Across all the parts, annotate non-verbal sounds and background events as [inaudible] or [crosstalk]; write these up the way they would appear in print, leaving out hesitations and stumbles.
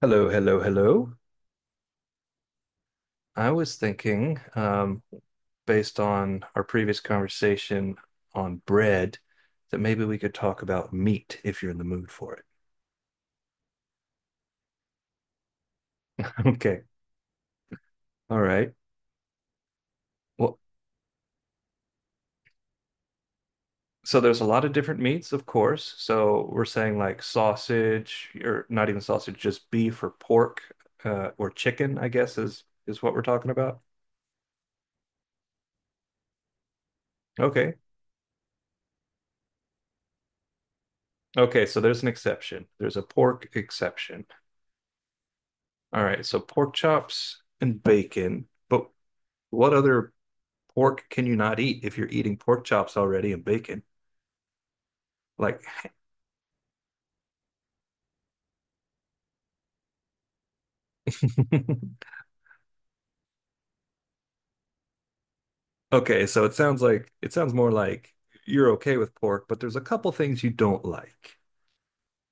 Hello, hello, hello. I was thinking, based on our previous conversation on bread, that maybe we could talk about meat if you're in the mood for it. [laughs] Okay. All right. Well, so there's a lot of different meats, of course. So we're saying like sausage, or not even sausage, just beef or pork, or chicken, I guess is what we're talking about. Okay. Okay, so there's an exception. There's a pork exception. All right, so pork chops and bacon, but what other pork can you not eat if you're eating pork chops already and bacon? Like, [laughs] okay, so it sounds like it sounds more like you're okay with pork, but there's a couple things you don't like,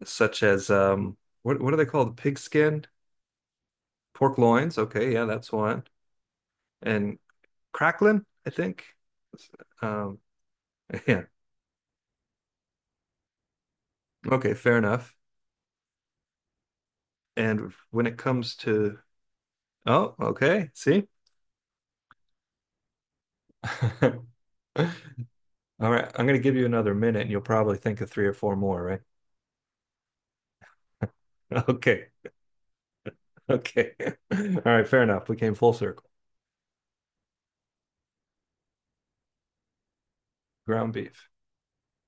such as what do they called? Pig skin, pork loins. Okay, yeah, that's one. And crackling, I think. Um, [laughs] yeah, okay, fair enough. And when it comes oh, okay, see. [laughs] All right, I'm going to give you another minute and you'll probably think of three or four more, right? [laughs] Okay. Okay. [laughs] All right, fair enough. We came full circle. Ground beef.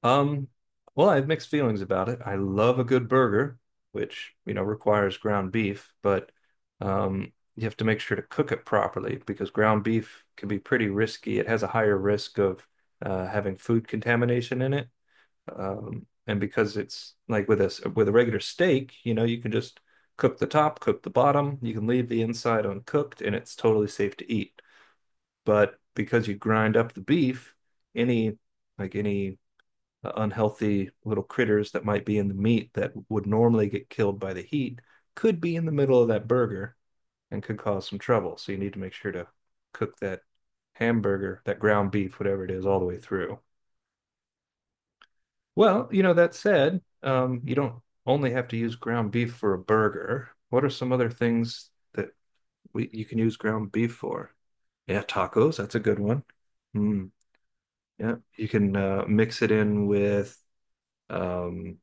Um, well, I have mixed feelings about it. I love a good burger, which, you know, requires ground beef, but you have to make sure to cook it properly because ground beef can be pretty risky. It has a higher risk of having food contamination in it. And because it's like with a regular steak, you know, you can just cook the top, cook the bottom, you can leave the inside uncooked, and it's totally safe to eat. But because you grind up the beef, any any unhealthy little critters that might be in the meat that would normally get killed by the heat could be in the middle of that burger and could cause some trouble. So you need to make sure to cook that hamburger, that ground beef, whatever it is, all the way through. Well, you know, that said, you don't only have to use ground beef for a burger. What are some other things that we you can use ground beef for? Yeah, tacos, that's a good one. Mm, yeah, you can mix it in with um,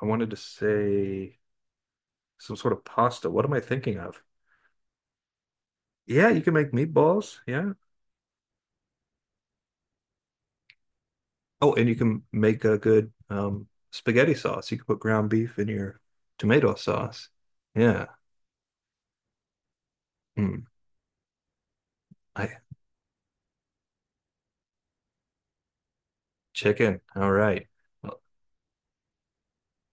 I wanted to say some sort of pasta. What am I thinking of? Yeah, you can make meatballs. Yeah. Oh, and you can make a good spaghetti sauce. You can put ground beef in your tomato sauce. Yeah. Mm. I Chicken. All right. Well-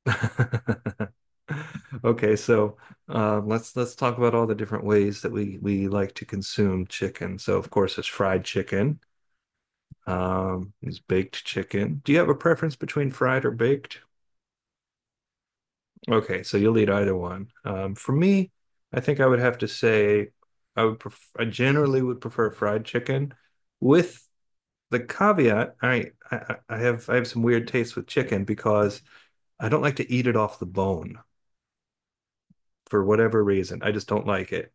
[laughs] Okay, so let's talk about all the different ways that we like to consume chicken. So of course, it's fried chicken. There's baked chicken. Do you have a preference between fried or baked? Okay, so you'll eat either one. For me, I think I would have to say I generally would prefer fried chicken, with the caveat I have some weird taste with chicken because I don't like to eat it off the bone, for whatever reason. I just don't like it.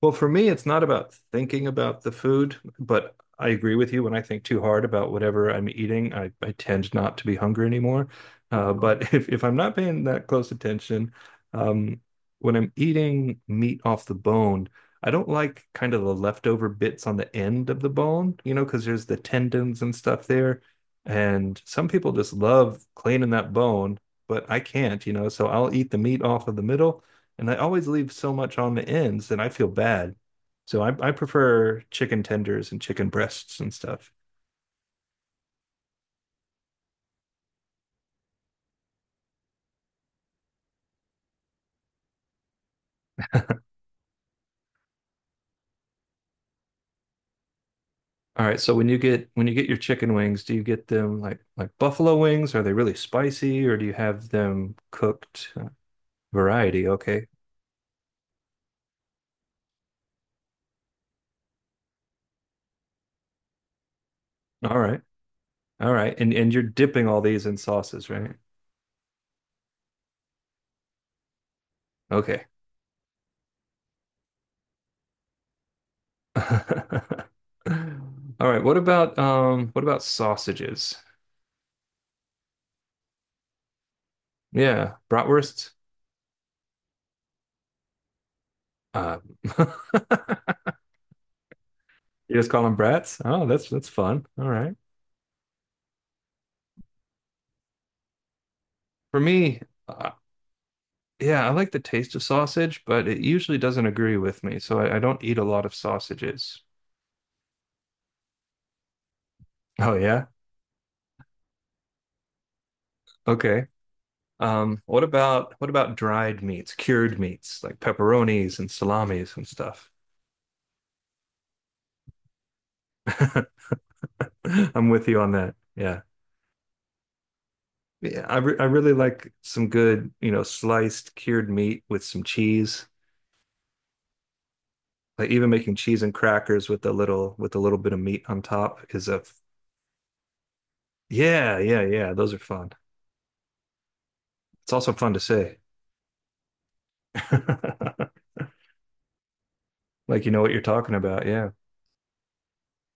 Well, for me, it's not about thinking about the food, but I agree with you. When I think too hard about whatever I'm eating, I tend not to be hungry anymore. [laughs] But if I'm not paying that close attention, um, when I'm eating meat off the bone, I don't like kind of the leftover bits on the end of the bone, you know, because there's the tendons and stuff there. And some people just love cleaning that bone, but I can't, you know, so I'll eat the meat off of the middle, and I always leave so much on the ends and I feel bad. So I prefer chicken tenders and chicken breasts and stuff. [laughs] All right. So when you get your chicken wings, do you get them like buffalo wings? Are they really spicy or do you have them cooked variety? Okay. All right. All right. And you're dipping all these in sauces, right? Okay. [laughs] All right. What about sausages? Yeah, bratwursts. Uh, [laughs] You just call them brats? Oh, that's fun. All right. For me, uh, yeah, I like the taste of sausage, but it usually doesn't agree with me, so I don't eat a lot of sausages. Oh yeah? Okay. What about dried meats, cured meats, like pepperonis and salamis and stuff? [laughs] I'm with you on that. Yeah. Yeah, I really like some good, you know, sliced cured meat with some cheese. Like even making cheese and crackers with a little bit of meat on top is a Yeah, yeah, yeah. Those are fun. It's also fun to say. [laughs] Like you know what you're talking about. Yeah.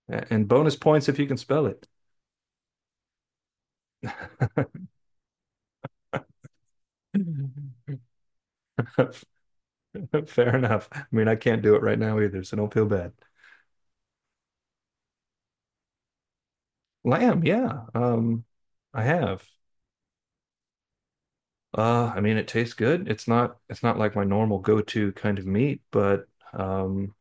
A- And bonus points if you can spell it. [laughs] Fair enough. I mean, I can't do it right now either, so don't feel bad. Lamb, yeah. I have. I mean, it tastes good. It's not like my normal go-to kind of meat, but um,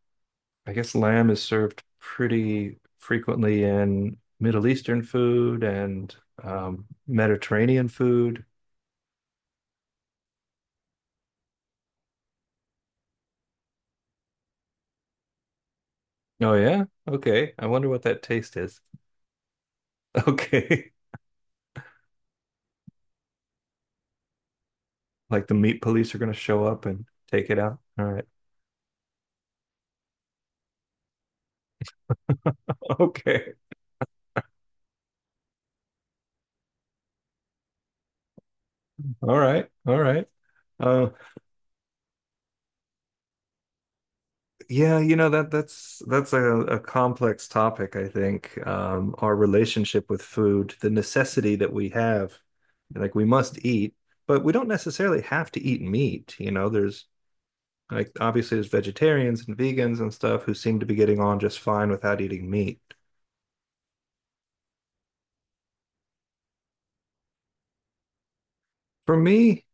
I guess lamb is served pretty frequently in Middle Eastern food and Mediterranean food. Oh yeah? Okay. I wonder what that taste is. [laughs] Okay. Like the meat police are gonna show up and take it out. All right. [laughs] Okay. All right. All right. Uh, yeah, you know that that's a complex topic, I think. Our relationship with food, the necessity that we have, like we must eat, but we don't necessarily have to eat meat. You know, there's obviously there's vegetarians and vegans and stuff who seem to be getting on just fine without eating meat. For me,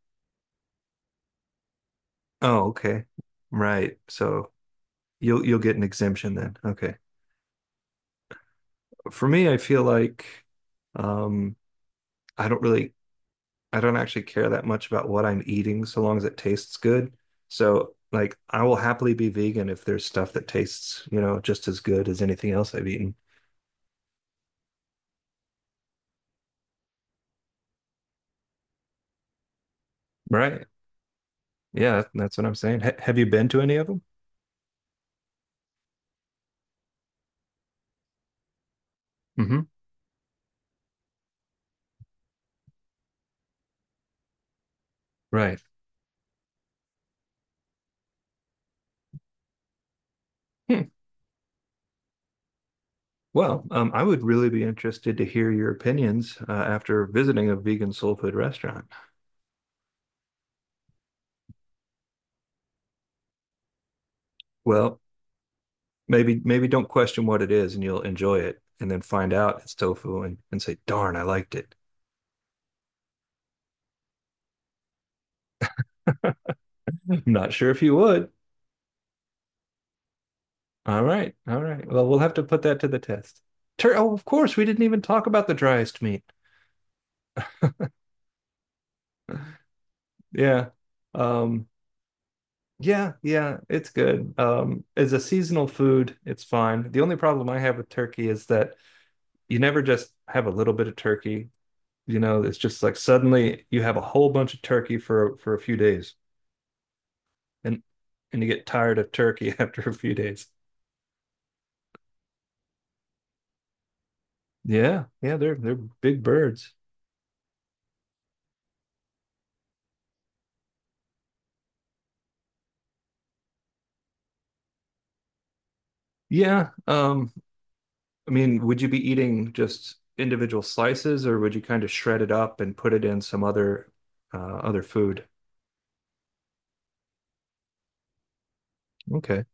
oh, okay. Right. So you'll get an exemption then. Okay. For me, I feel like um I don't really I don't actually care that much about what I'm eating so long as it tastes good. So like I will happily be vegan if there's stuff that tastes, you know, just as good as anything else I've eaten. Right. Yeah, that's what I'm saying. Ha have you been to any of them? Hmm Right. Hmm. Well, I would really be interested to hear your opinions after visiting a vegan soul food restaurant. Well, maybe don't question what it is and you'll enjoy it and then find out it's tofu and say, darn, I liked it. [laughs] Not sure if you would. All right. All right. Well, we'll have to put that to the test. Tur- oh, of course, we didn't even talk about the driest meat. Yeah. Um, yeah, yeah, it's good. As a seasonal food, it's fine. The only problem I have with turkey is that you never just have a little bit of turkey. You know, it's just like suddenly you have a whole bunch of turkey for a few days, and and you get tired of turkey [laughs] after a few days. Yeah, yeah, they're big birds. Yeah, I mean, would you be eating just individual slices, or would you kind of shred it up and put it in some other other food? Okay.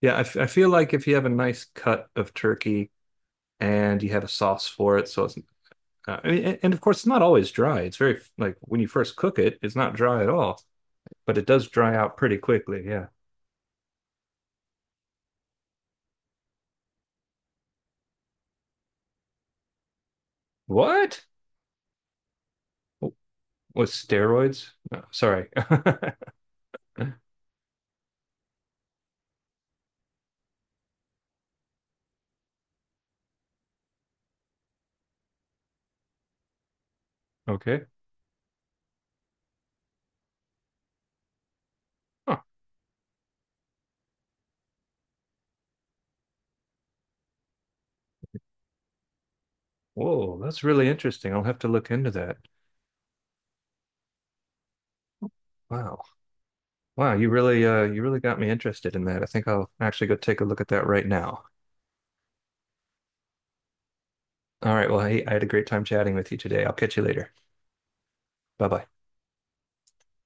Yeah, I feel like if you have a nice cut of turkey and you have a sauce for it, so it's I mean, and of course it's not always dry. It's very like when you first cook it, it's not dry at all, but it does dry out pretty quickly. Yeah. What? With steroids? No, sorry. [laughs] Okay. Huh. Whoa, that's really interesting. I'll have to look into that. Wow. Wow, you really got me interested in that. I think I'll actually go take a look at that right now. All right, well, hey, I had a great time chatting with you today. I'll catch you later. Bye-bye.